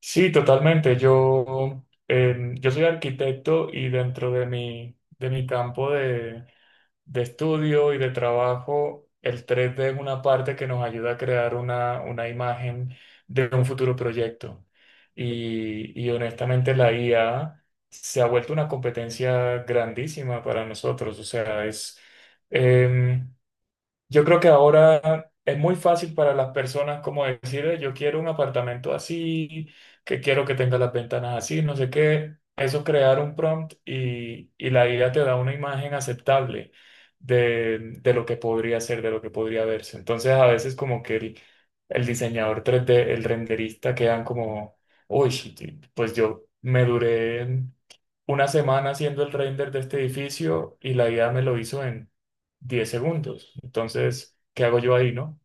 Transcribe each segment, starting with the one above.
Sí, totalmente. Yo soy arquitecto y dentro de de mi campo de estudio y de trabajo, el 3D es una parte que nos ayuda a crear una imagen de un futuro proyecto. Y honestamente la IA se ha vuelto una competencia grandísima para nosotros. O sea, em, yo creo que ahora es muy fácil para las personas como decir, yo quiero un apartamento así, que quiero que tenga las ventanas así, no sé qué. Eso crear un prompt y la idea te da una imagen aceptable de lo que podría ser, de lo que podría verse. Entonces a veces como que el diseñador 3D, el renderista quedan como, uy, sí, pues yo me duré una semana haciendo el render de este edificio y la idea me lo hizo en 10 segundos. Entonces, ¿qué hago yo ahí, no?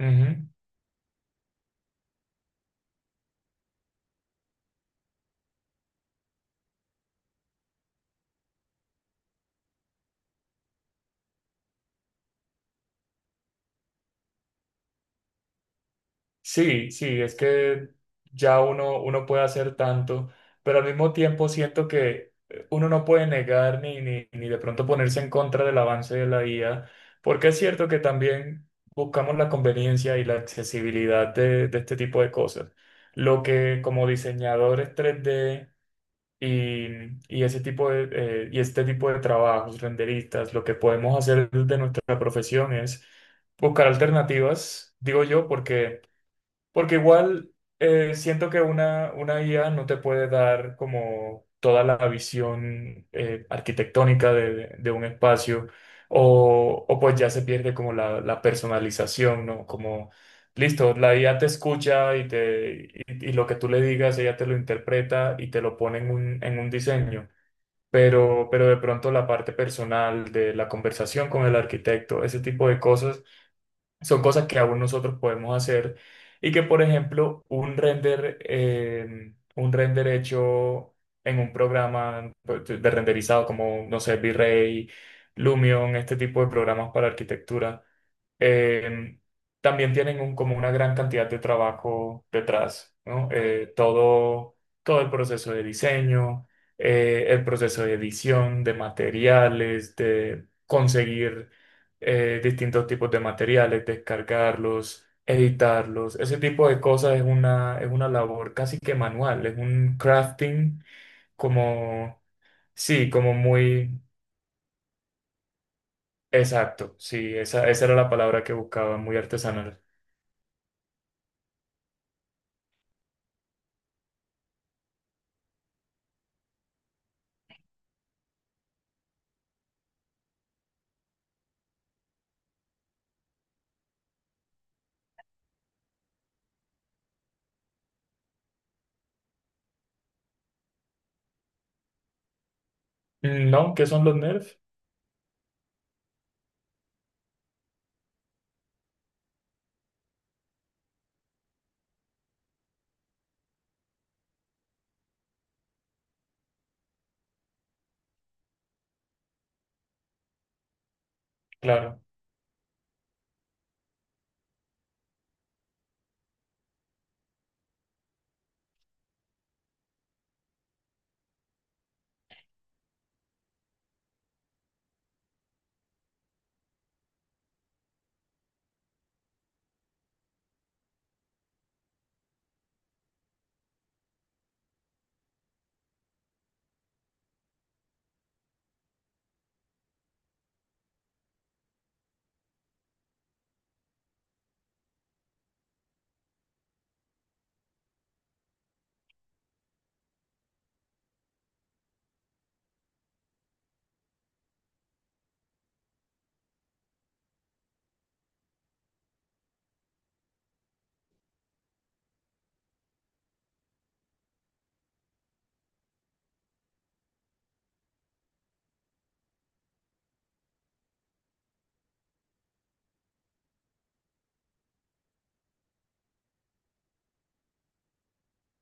Ujú. Sí, sí, es que ya uno puede hacer tanto, pero al mismo tiempo siento que uno no puede negar ni de pronto ponerse en contra del avance de la IA, porque es cierto que también buscamos la conveniencia y la accesibilidad de este tipo de cosas. Lo que como diseñadores 3D y, y ese y este tipo de trabajos, renderistas, lo que podemos hacer desde nuestra profesión es buscar alternativas, digo yo, porque igual siento que una IA no te puede dar como toda la visión arquitectónica de, de un espacio o pues ya se pierde como la personalización, ¿no? Como, listo, la IA te escucha y lo que tú le digas, ella te lo interpreta y te lo pone en en un diseño. Pero de pronto la parte personal de la conversación con el arquitecto, ese tipo de cosas son cosas que aún nosotros podemos hacer y que, por ejemplo, un render hecho en un programa pues, de renderizado como, no sé, V-Ray, Lumion, este tipo de programas para arquitectura, eh, también como una gran cantidad de trabajo detrás, ¿no? Todo el proceso de diseño, el proceso de edición, de materiales, de conseguir distintos tipos de materiales, descargarlos, editarlos. Ese tipo de cosas es es una labor casi que manual, es un crafting como, sí, como muy exacto. Sí, esa era la palabra que buscaba, muy artesanal. Mm, no, ¿qué son los nerfs? Claro,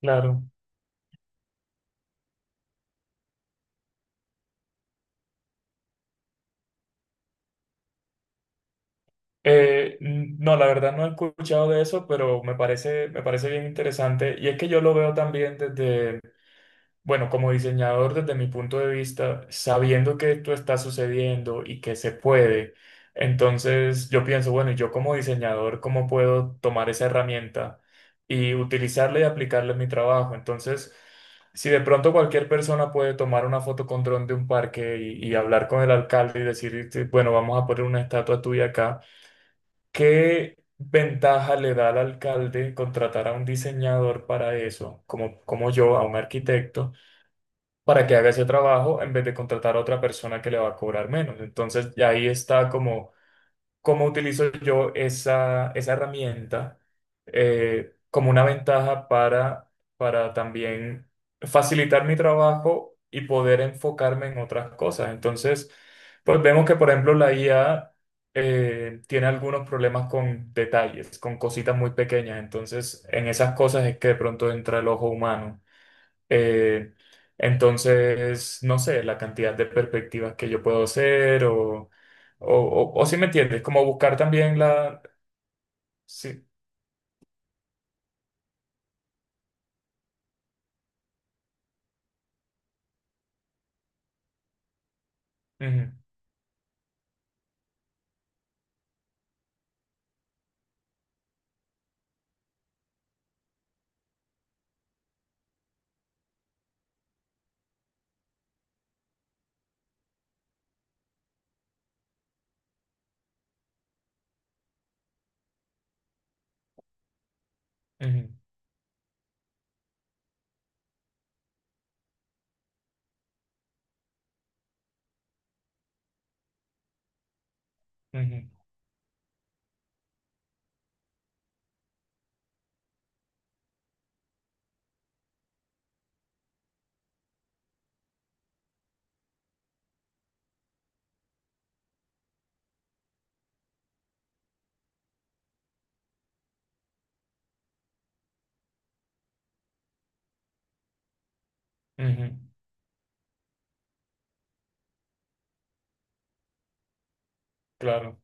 claro. No, la verdad no he escuchado de eso, pero me parece bien interesante. Y es que yo lo veo también desde, bueno, como diseñador, desde mi punto de vista, sabiendo que esto está sucediendo y que se puede, entonces yo pienso, bueno, ¿y yo como diseñador, cómo puedo tomar esa herramienta y utilizarla y aplicarla en mi trabajo? Entonces, si de pronto cualquier persona puede tomar una foto con dron de un parque y hablar con el alcalde y decir, "Sí, bueno, vamos a poner una estatua tuya acá, ¿qué ventaja le da al alcalde contratar a un diseñador para eso, como, como yo, a un arquitecto? Para que haga ese trabajo en vez de contratar a otra persona que le va a cobrar menos. Entonces, ya ahí está como cómo utilizo yo esa herramienta como una ventaja para también facilitar mi trabajo y poder enfocarme en otras cosas. Entonces, pues vemos que, por ejemplo, la IA tiene algunos problemas con detalles, con cositas muy pequeñas. Entonces, en esas cosas es que de pronto entra el ojo humano eh, entonces, no sé, la cantidad de perspectivas que yo puedo hacer o si me entiendes, como buscar también la... Sí, ujú, ujú, ujú, ujú, claro.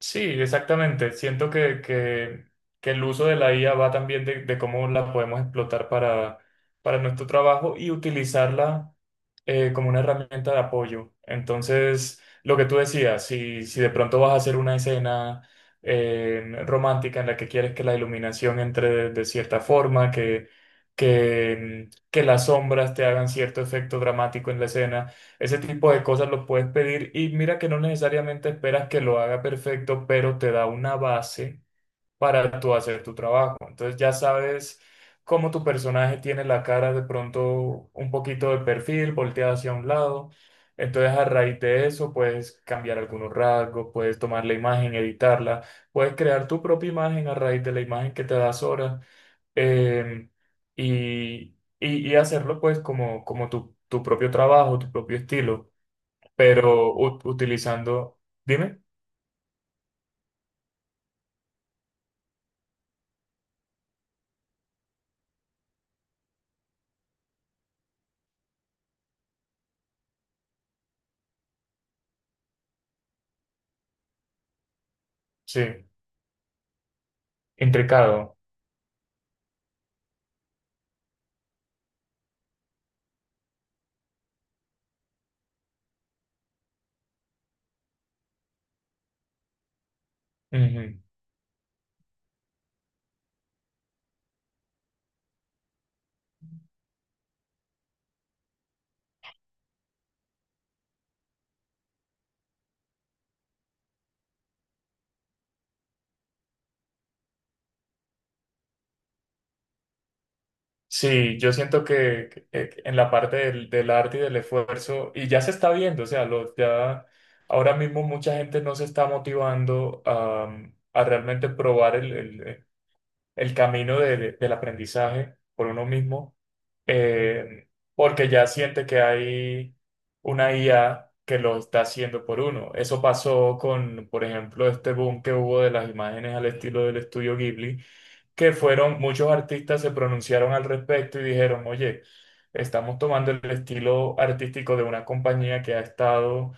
Sí, exactamente. Siento que el uso de la IA va también de cómo la podemos explotar para nuestro trabajo y utilizarla como una herramienta de apoyo. Entonces, lo que tú decías, si de pronto vas a hacer una escena romántica en la que quieres que la iluminación entre de cierta forma, que las sombras te hagan cierto efecto dramático en la escena, ese tipo de cosas lo puedes pedir y mira que no necesariamente esperas que lo haga perfecto, pero te da una base para tú hacer tu trabajo. Entonces ya sabes cómo tu personaje tiene la cara de pronto un poquito de perfil, volteada hacia un lado. Entonces a raíz de eso puedes cambiar algunos rasgos, puedes tomar la imagen, editarla, puedes crear tu propia imagen a raíz de la imagen que te da Sora eh, y hacerlo pues como, como tu propio trabajo, tu propio estilo, pero utilizando, dime, sí, intricado. Sí, yo siento que en la parte del arte y del esfuerzo, y ya se está viendo, o sea, ya ahora mismo mucha gente no se está motivando a, mm, a realmente probar el camino del aprendizaje por uno mismo, eh, porque ya siente que hay una IA que lo está haciendo por uno. Eso pasó con, por ejemplo, este boom que hubo de las imágenes al estilo del estudio Ghibli que fueron, muchos artistas se pronunciaron al respecto y dijeron, oye, estamos tomando el estilo artístico de una compañía que ha estado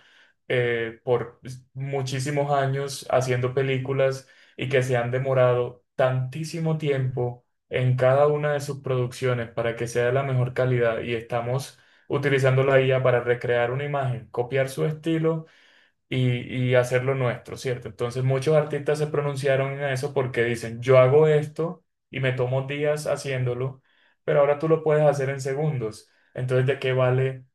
eh, por muchísimos años haciendo películas y que se han demorado tantísimo tiempo en cada una de sus producciones para que sea de la mejor calidad y estamos utilizando la IA para recrear una imagen, copiar su estilo y hacerlo nuestro, ¿cierto? Entonces muchos artistas se pronunciaron en eso porque dicen, yo hago esto y me tomo días haciéndolo, pero ahora tú lo puedes hacer en segundos. Entonces, ¿de qué vale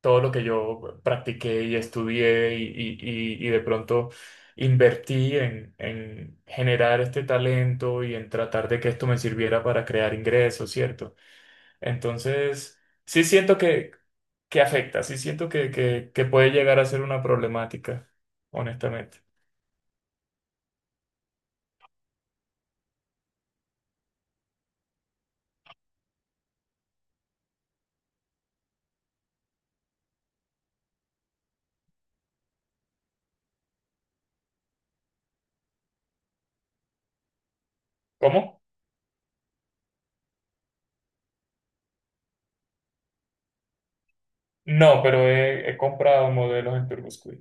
todo lo que yo practiqué y estudié y de pronto invertí en generar este talento y en tratar de que esto me sirviera para crear ingresos, ¿cierto? Entonces, sí siento que afecta. Sí siento que puede llegar a ser una problemática, honestamente. ¿Cómo? No, pero he comprado modelos en TurboSquid,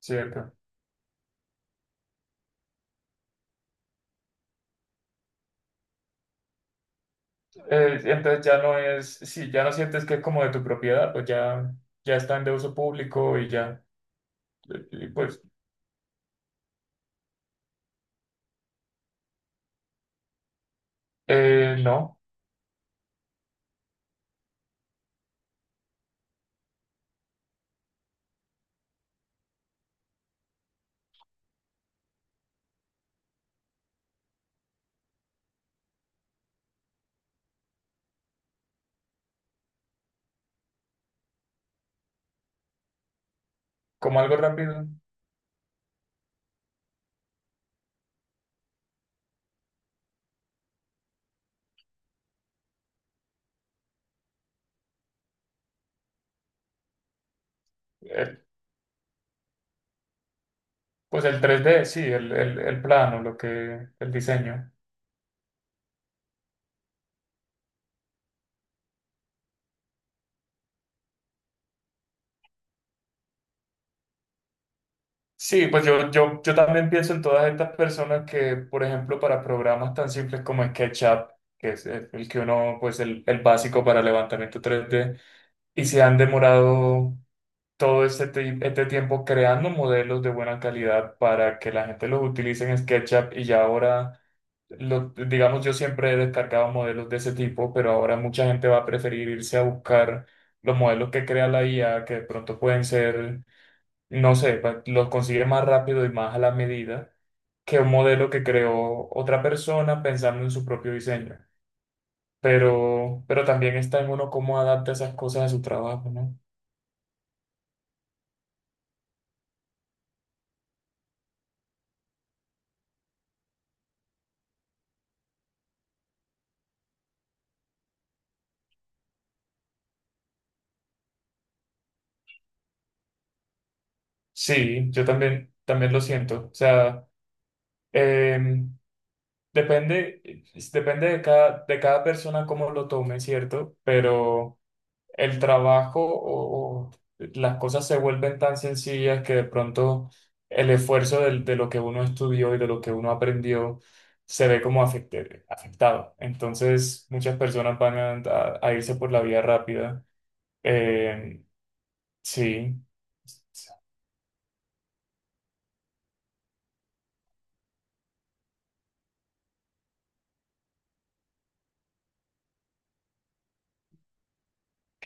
¿cierto? Entonces ya no es, si ya no sientes que es como de tu propiedad, pues ya, ya están de uso público y ya, y pues no, como algo rápido. Eh, pues el 3D, sí, el plano, lo que, el diseño. Sí, yo también pienso en todas estas personas que, por ejemplo, para programas tan simples como SketchUp, que es el que uno, pues el básico para levantamiento 3D, y se han demorado todo este tiempo creando modelos de buena calidad para que la gente los utilice en SketchUp y ya ahora, digamos, yo siempre he descargado modelos de ese tipo, pero ahora mucha gente va a preferir irse a buscar los modelos que crea la IA, que de pronto pueden ser no sé, los consigue más rápido y más a la medida que un modelo que creó otra persona pensando en su propio diseño. Pero también está en uno cómo adapta esas cosas a su trabajo, ¿no? Sí, yo también, también lo siento. O sea, eh, depende, depende de cada persona cómo lo tome, ¿cierto? Pero... el trabajo o las cosas se vuelven tan sencillas que de pronto el esfuerzo lo que uno estudió y de lo que uno aprendió se ve como afectado. Entonces, muchas personas van a irse por la vía rápida. Eh, sí,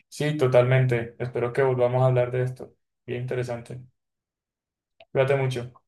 sí, totalmente. Espero que volvamos a hablar de esto. Bien interesante. Cuídate mucho.